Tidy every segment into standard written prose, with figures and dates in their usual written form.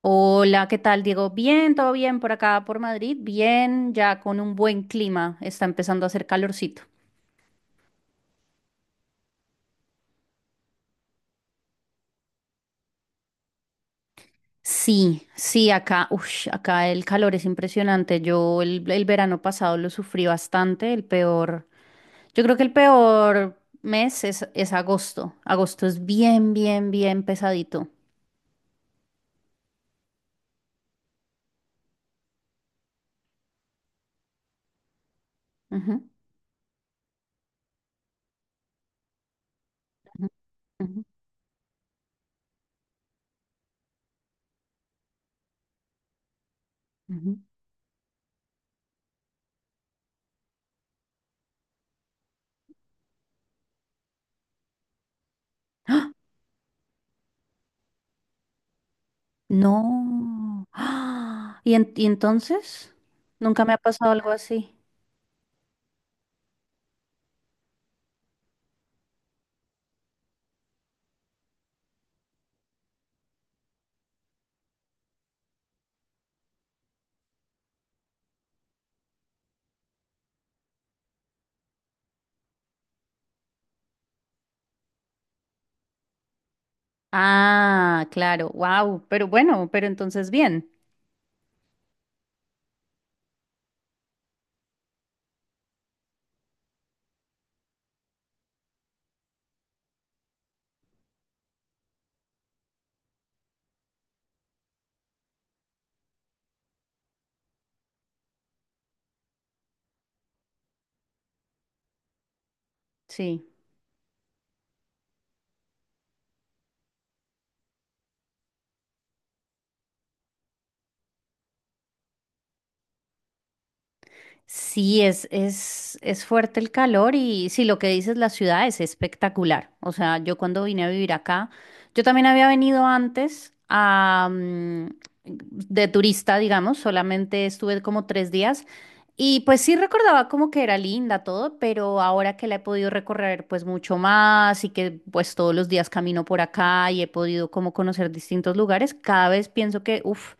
Hola, ¿qué tal, Diego? Bien, todo bien por acá, por Madrid. Bien, ya con un buen clima. Está empezando a hacer calorcito. Sí, sí, acá, el calor es impresionante. Yo el verano pasado lo sufrí bastante. El peor, yo creo que el peor mes es agosto. Agosto es bien, bien, bien pesadito. Ujú, ujú, ujú, ujú. No. ¡Ah! ¿Y entonces? Nunca me ha pasado algo así. Ah, claro, wow, pero bueno, pero entonces bien, sí. Sí, es fuerte el calor y sí, lo que dices, la ciudad es espectacular. O sea, yo cuando vine a vivir acá, yo también había venido antes de turista, digamos, solamente estuve como 3 días y pues sí recordaba como que era linda todo, pero ahora que la he podido recorrer pues mucho más y que pues todos los días camino por acá y he podido como conocer distintos lugares, cada vez pienso que, uff,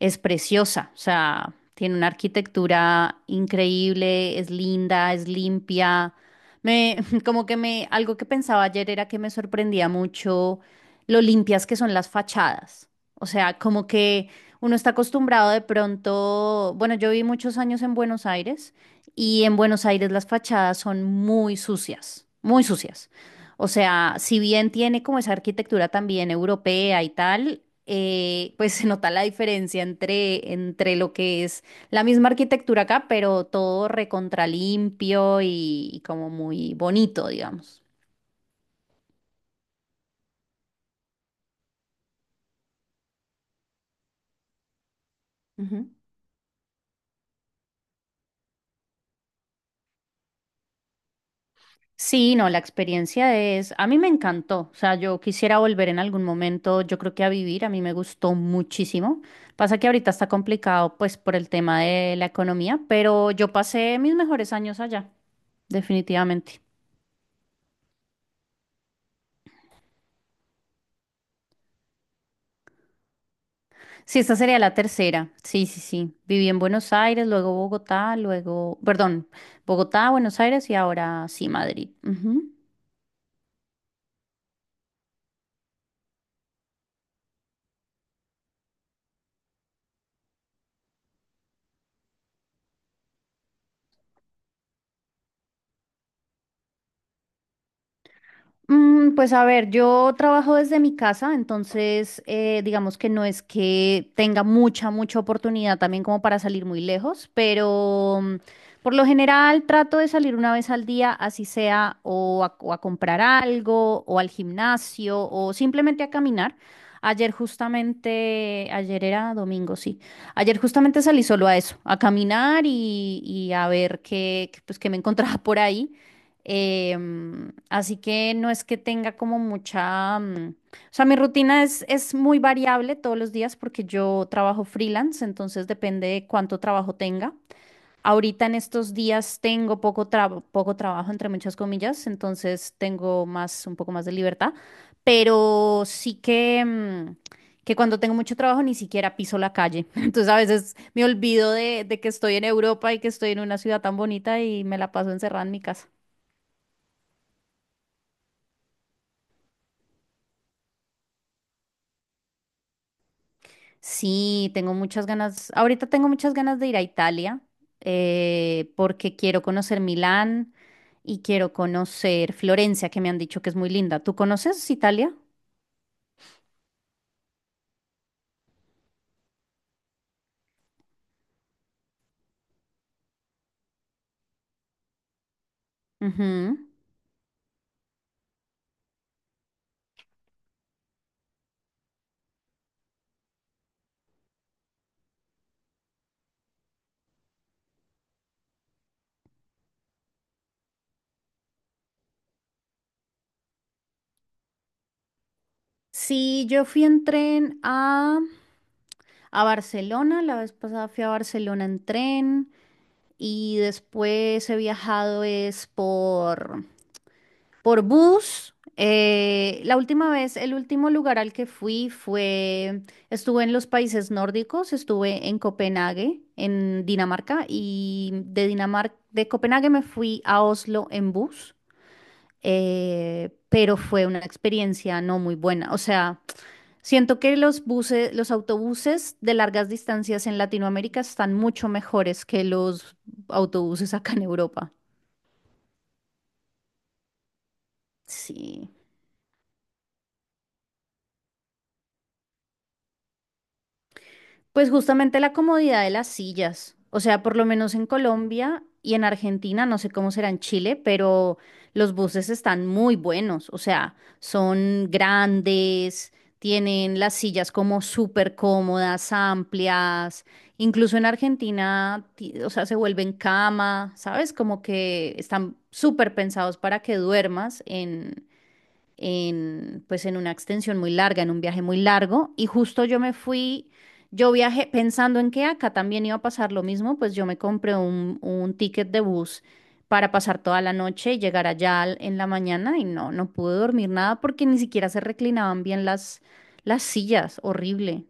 es preciosa. O sea, tiene una arquitectura increíble, es linda, es limpia. Me, algo que pensaba ayer era que me sorprendía mucho lo limpias que son las fachadas. O sea, como que uno está acostumbrado de pronto. Bueno, yo viví muchos años en Buenos Aires y en Buenos Aires las fachadas son muy sucias, muy sucias. O sea, si bien tiene como esa arquitectura también europea y tal, pues se nota la diferencia entre, lo que es la misma arquitectura acá, pero todo recontra limpio y como muy bonito, digamos. Ujú. Sí, no, la experiencia es, a mí me encantó. O sea, yo quisiera volver en algún momento, yo creo que a vivir, a mí me gustó muchísimo. Pasa que ahorita está complicado pues por el tema de la economía, pero yo pasé mis mejores años allá, definitivamente. Sí, esta sería la tercera. Sí, sí, sí. Viví en Buenos Aires, luego Bogotá, luego, perdón, Bogotá, Buenos Aires y ahora sí, Madrid. Ujú. Pues a ver, yo trabajo desde mi casa, entonces digamos que no es que tenga mucha, mucha oportunidad también como para salir muy lejos, pero por lo general trato de salir una vez al día, así sea o a comprar algo, o al gimnasio, o simplemente a caminar. Ayer justamente, ayer era domingo, sí. Ayer justamente salí solo a eso, a caminar y a ver qué, pues, qué me encontraba por ahí. Así que no es que tenga como o sea, mi rutina es muy variable todos los días porque yo trabajo freelance, entonces depende de cuánto trabajo tenga. Ahorita en estos días tengo poco trabajo, entre muchas comillas, entonces tengo más, un poco más de libertad, pero sí que cuando tengo mucho trabajo ni siquiera piso la calle. Entonces a veces me olvido de que estoy en Europa y que estoy en una ciudad tan bonita y me la paso encerrada en mi casa. Sí, tengo muchas ganas, ahorita tengo muchas ganas de ir a Italia, porque quiero conocer Milán y quiero conocer Florencia, que me han dicho que es muy linda. ¿Tú conoces Italia? Ujú. Sí, yo fui en tren a Barcelona, la vez pasada fui a Barcelona en tren y después he viajado es por bus, la última vez, el último lugar al que fui fue, estuve en los países nórdicos, estuve en Copenhague, en Dinamarca, y de Dinamarca, de Copenhague me fui a Oslo en bus, pero fue una experiencia no muy buena. O sea, siento que los buses, los autobuses de largas distancias en Latinoamérica están mucho mejores que los autobuses acá en Europa. Sí. Pues justamente la comodidad de las sillas. O sea, por lo menos en Colombia y en Argentina, no sé cómo será en Chile, pero los buses están muy buenos. O sea, son grandes, tienen las sillas como súper cómodas, amplias, incluso en Argentina, ti- o sea, se vuelven cama, ¿sabes? Como que están súper pensados para que duermas en, pues en una extensión muy larga, en un viaje muy largo, y justo yo me fui, yo viajé pensando en que ah, acá también iba a pasar lo mismo, pues yo me compré un ticket de bus para pasar toda la noche y llegar allá al- en la mañana y no, no pude dormir nada porque ni siquiera se reclinaban bien las sillas, horrible.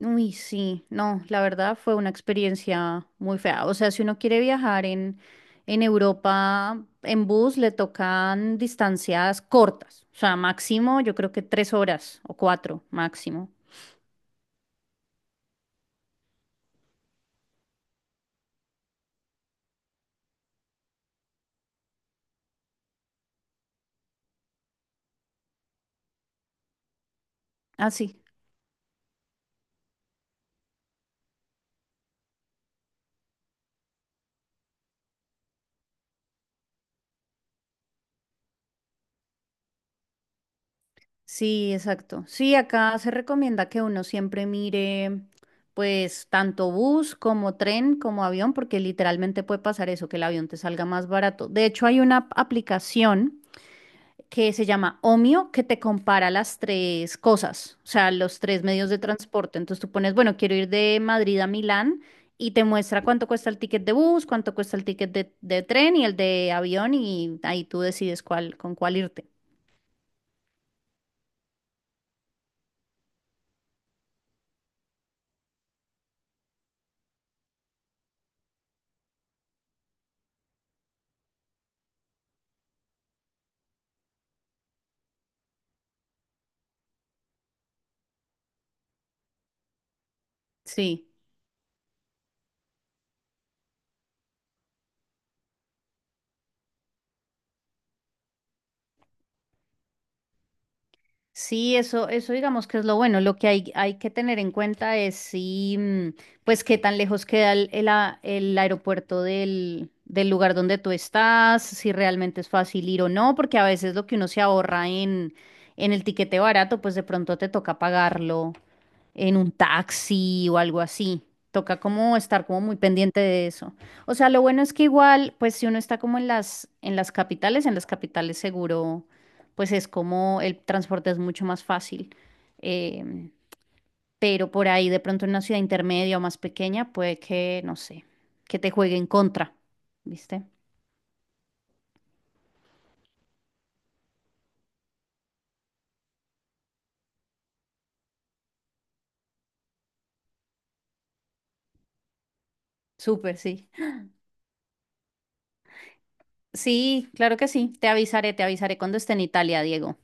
Uy, sí, no, la verdad fue una experiencia muy fea. O sea, si uno quiere viajar en Europa en bus, le tocan distancias cortas. O sea, máximo yo creo que 3 horas o cuatro máximo. Ah, sí, sí, exacto. Sí, acá se recomienda que uno siempre mire, pues, tanto bus como tren como avión, porque literalmente puede pasar eso, que el avión te salga más barato. De hecho, hay una aplicación que se llama Omio, que te compara las tres cosas, o sea, los tres medios de transporte. Entonces tú pones, bueno, quiero ir de Madrid a Milán y te muestra cuánto cuesta el ticket de bus, cuánto cuesta el ticket de tren y el de avión y ahí tú decides cuál, con cuál irte. Sí. Sí, eso digamos que es lo bueno. Lo que hay que tener en cuenta es si, pues, qué tan lejos queda el aeropuerto del lugar donde tú estás, si realmente es fácil ir o no, porque a veces lo que uno se ahorra en el tiquete barato, pues de pronto te toca pagarlo en un taxi o algo así. Toca como estar como muy pendiente de eso. O sea, lo bueno es que igual, pues si uno está como en las capitales, en las capitales seguro, pues es como el transporte es mucho más fácil. Em, pero por ahí de pronto en una ciudad intermedia o más pequeña, puede que, no sé, que te juegue en contra, ¿viste? Súper, sí. Sí, claro que sí. Te avisaré cuando esté en Italia, Diego.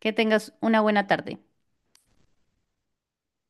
Que tengas una buena tarde.